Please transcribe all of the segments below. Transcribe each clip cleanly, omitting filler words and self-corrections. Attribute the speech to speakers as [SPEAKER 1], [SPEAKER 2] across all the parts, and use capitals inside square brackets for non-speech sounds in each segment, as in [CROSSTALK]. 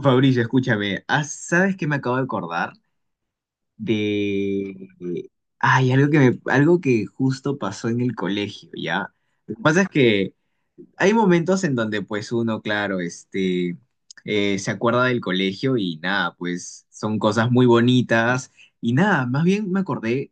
[SPEAKER 1] Fabricio, escúchame, ¿sabes qué me acabo de acordar? De... de- Ay, algo que justo pasó en el colegio, ¿ya? Lo que pasa es que hay momentos en donde pues uno, claro, se acuerda del colegio y nada, pues son cosas muy bonitas y nada, más bien me acordé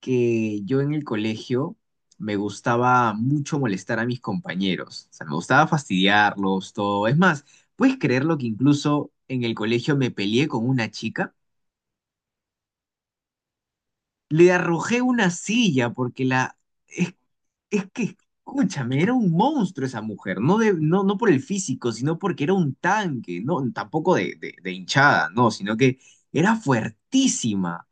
[SPEAKER 1] que yo en el colegio me gustaba mucho molestar a mis compañeros, o sea, me gustaba fastidiarlos, todo. Es más, ¿puedes creerlo que incluso en el colegio me peleé con una chica? Le arrojé una silla porque es- Es que, escúchame, era un monstruo esa mujer, no, no, no por el físico, sino porque era un tanque, no, tampoco de hinchada, no, sino que era fuertísima,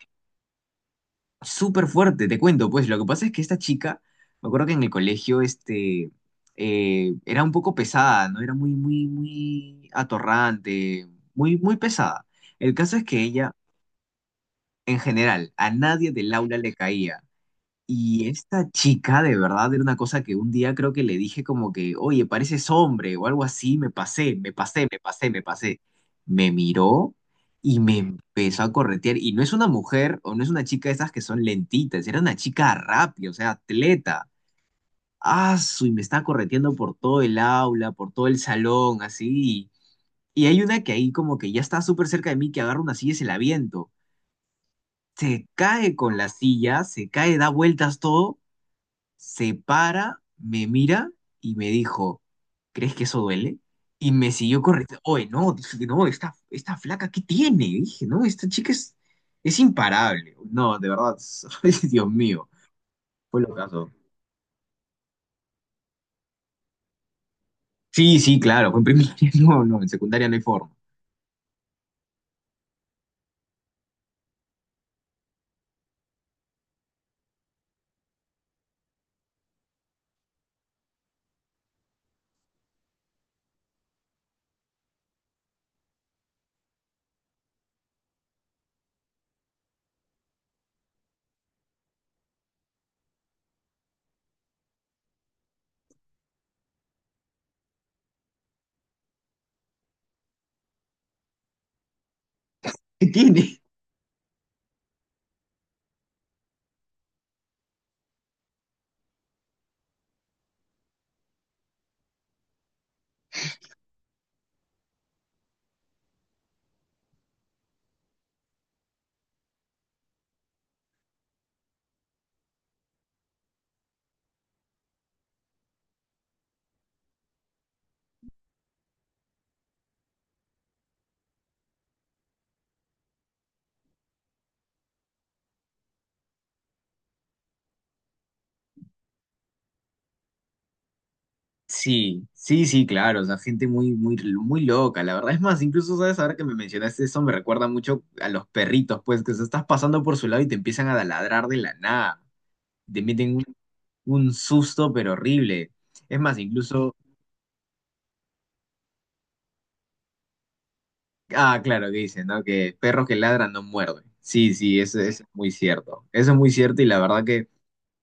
[SPEAKER 1] súper fuerte, te cuento, pues lo que pasa es que esta chica, me acuerdo que en el colegio, era un poco pesada, ¿no? Era muy, muy, muy atorrante, muy, muy pesada. El caso es que ella, en general, a nadie del aula le caía. Y esta chica, de verdad, era una cosa que un día creo que le dije como que, oye, pareces hombre o algo así, me pasé, me pasé, me pasé, me pasé. Me miró y me empezó a corretear. Y no es una mujer o no es una chica de esas que son lentitas, era una chica rápida, o sea, atleta. Y me está correteando por todo el aula, por todo el salón, así. Y hay una que ahí como que ya está súper cerca de mí, que agarra una silla y se la aviento. Se cae con la silla, se cae, da vueltas todo, se para, me mira y me dijo, ¿crees que eso duele? Y me siguió corriendo. Oye, no, dije, no, esta flaca, ¿qué tiene? Dije, no, esta chica es imparable. No, de verdad, [LAUGHS] ay, Dios mío, fue lo caso. Sí, sí, claro, fue en primaria, [LAUGHS] no, no, en secundaria no hay forma. ¿Qué tiene? Sí, sí, sí, claro, o sea, gente muy, muy, muy loca, la verdad. Es más, incluso, ¿sabes? Ahora que me mencionaste eso, me recuerda mucho a los perritos, pues, que se estás pasando por su lado y te empiezan a ladrar de la nada. Te meten un susto, pero horrible. Es más, incluso, ah, claro, que dicen, ¿no? Que perros que ladran no muerden. Sí, sí, eso es muy cierto. Eso es muy cierto y la verdad que,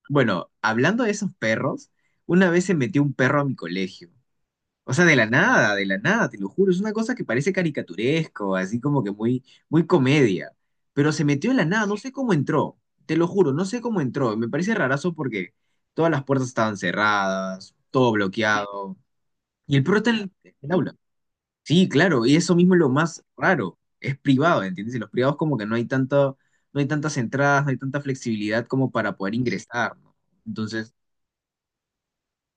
[SPEAKER 1] bueno, hablando de esos perros, una vez se metió un perro a mi colegio. O sea, de la nada, te lo juro. Es una cosa que parece caricaturesco, así como que muy, muy comedia. Pero se metió de la nada, no sé cómo entró. Te lo juro, no sé cómo entró. Me parece rarazo porque todas las puertas estaban cerradas, todo bloqueado. Y el perro está en el aula. Sí, claro, y eso mismo es lo más raro. Es privado, ¿entiendes? Y los privados como que no hay tanto, no hay tantas entradas, no hay tanta flexibilidad como para poder ingresar, ¿no? Entonces,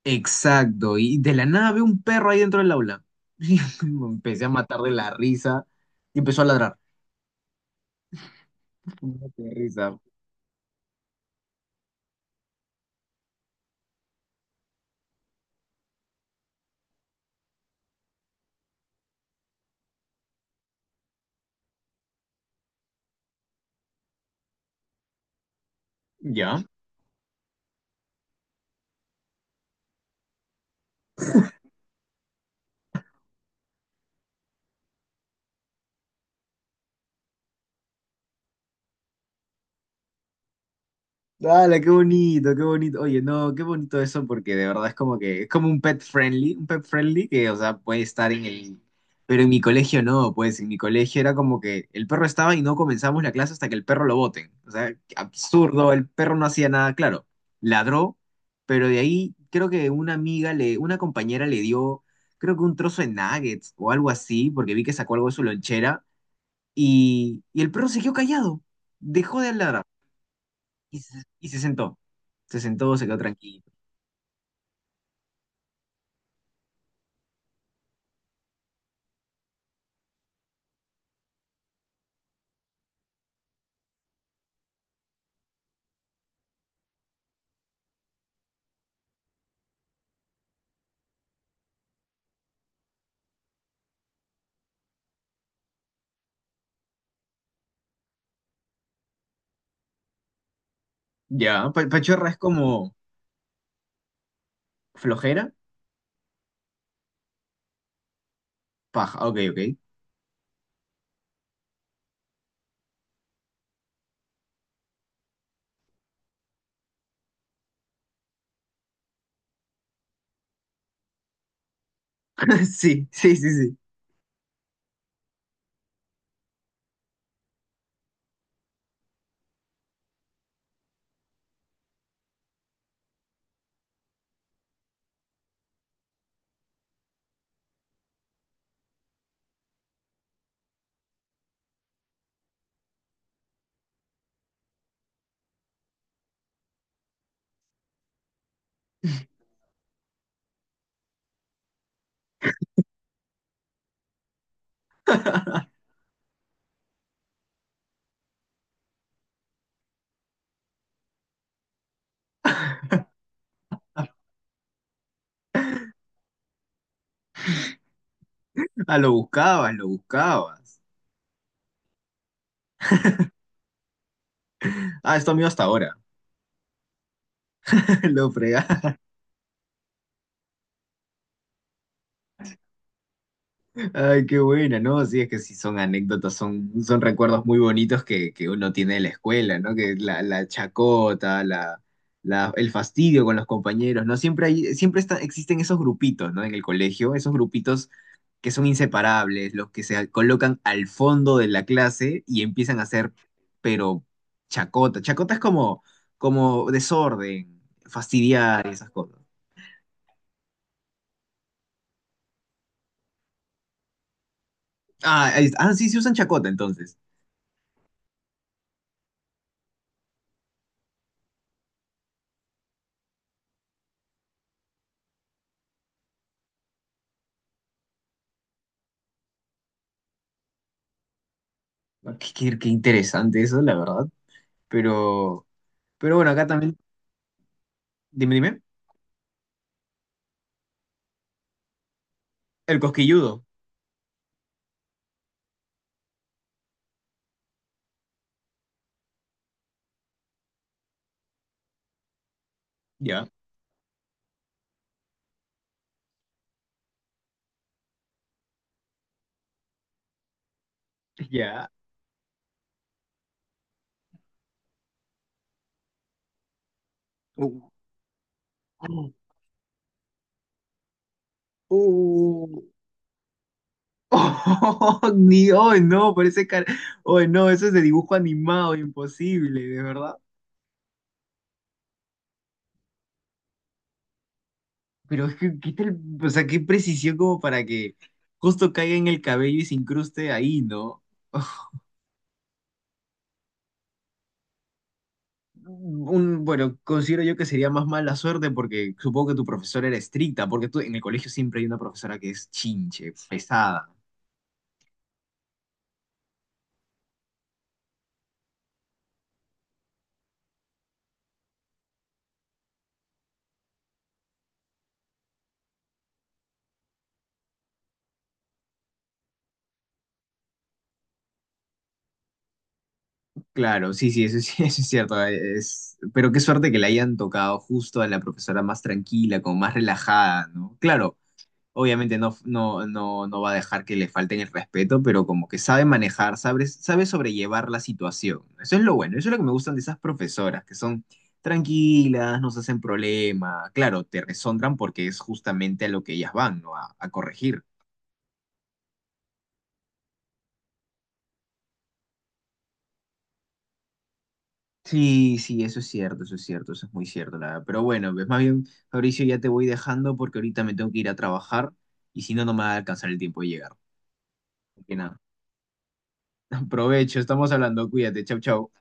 [SPEAKER 1] exacto. Y de la nada veo un perro ahí dentro del aula. [LAUGHS] Y me empecé a matar de la risa y empezó a ladrar. [LAUGHS] De risa. Ya. Dale, qué bonito, qué bonito. Oye, no, qué bonito eso porque de verdad es como que es como un pet friendly que, o sea, puede estar en el... Pero en mi colegio no, pues en mi colegio era como que el perro estaba y no comenzamos la clase hasta que el perro lo boten. O sea, absurdo, el perro no hacía nada, claro, ladró, pero de ahí creo que una compañera le dio, creo que un trozo de nuggets o algo así, porque vi que sacó algo de su lonchera y el perro siguió callado, dejó de ladrar. Y se sentó. Se sentó, se quedó tranquilo. Ya, pachorra es como flojera, paja. Ok, ok. [LAUGHS] Sí, sí, sí, sí. [LAUGHS] Ah, lo buscabas, lo buscabas. Ah, es tu amigo hasta ahora. [LAUGHS] Lo fregás. Ay, qué buena, ¿no? Sí, es que sí son anécdotas, son, son recuerdos muy bonitos que uno tiene de la escuela, ¿no? Que la chacota, el fastidio con los compañeros, ¿no? Siempre hay, siempre está- existen esos grupitos, ¿no? En el colegio, esos grupitos que son inseparables, los que se colocan al fondo de la clase y empiezan a hacer, pero chacota. Chacota es como, como desorden, fastidiar y esas cosas. Ah, sí, se usan chacota entonces. Ah, qué interesante eso, la verdad. Pero, pero bueno, acá también, dime, dime, el cosquilludo. Ya, ya. Uh. [LAUGHS] Oh, ni, oh, no, parece car... Oh, no, eso es de dibujo animado, imposible, de verdad. Pero es que, ¿qué tal? O sea, qué precisión como para que justo caiga en el cabello y se incruste ahí, ¿no? [LAUGHS] Bueno, considero yo que sería más mala suerte porque supongo que tu profesora era estricta, porque tú en el colegio siempre hay una profesora que es chinche, pesada. Claro, sí, sí, eso, [LAUGHS] eso es cierto. Es, pero qué suerte que le hayan tocado justo a la profesora más tranquila, como más relajada, ¿no? Claro, obviamente no va a dejar que le falten el respeto, pero como que sabe manejar, sabe, sabe sobrellevar la situación. Eso es lo bueno, eso es lo que me gustan de esas profesoras, que son tranquilas, no se hacen problema, claro, te resondran porque es justamente a lo que ellas van, ¿no? A corregir. Sí, sí, eso es cierto, eso es cierto, eso es muy cierto, la verdad. Pero bueno, pues más bien, Fabricio, ya te voy dejando porque ahorita me tengo que ir a trabajar y si no, no me va a alcanzar el tiempo de llegar. Así que nada, [LAUGHS] aprovecho, estamos hablando, cuídate, chau, chau.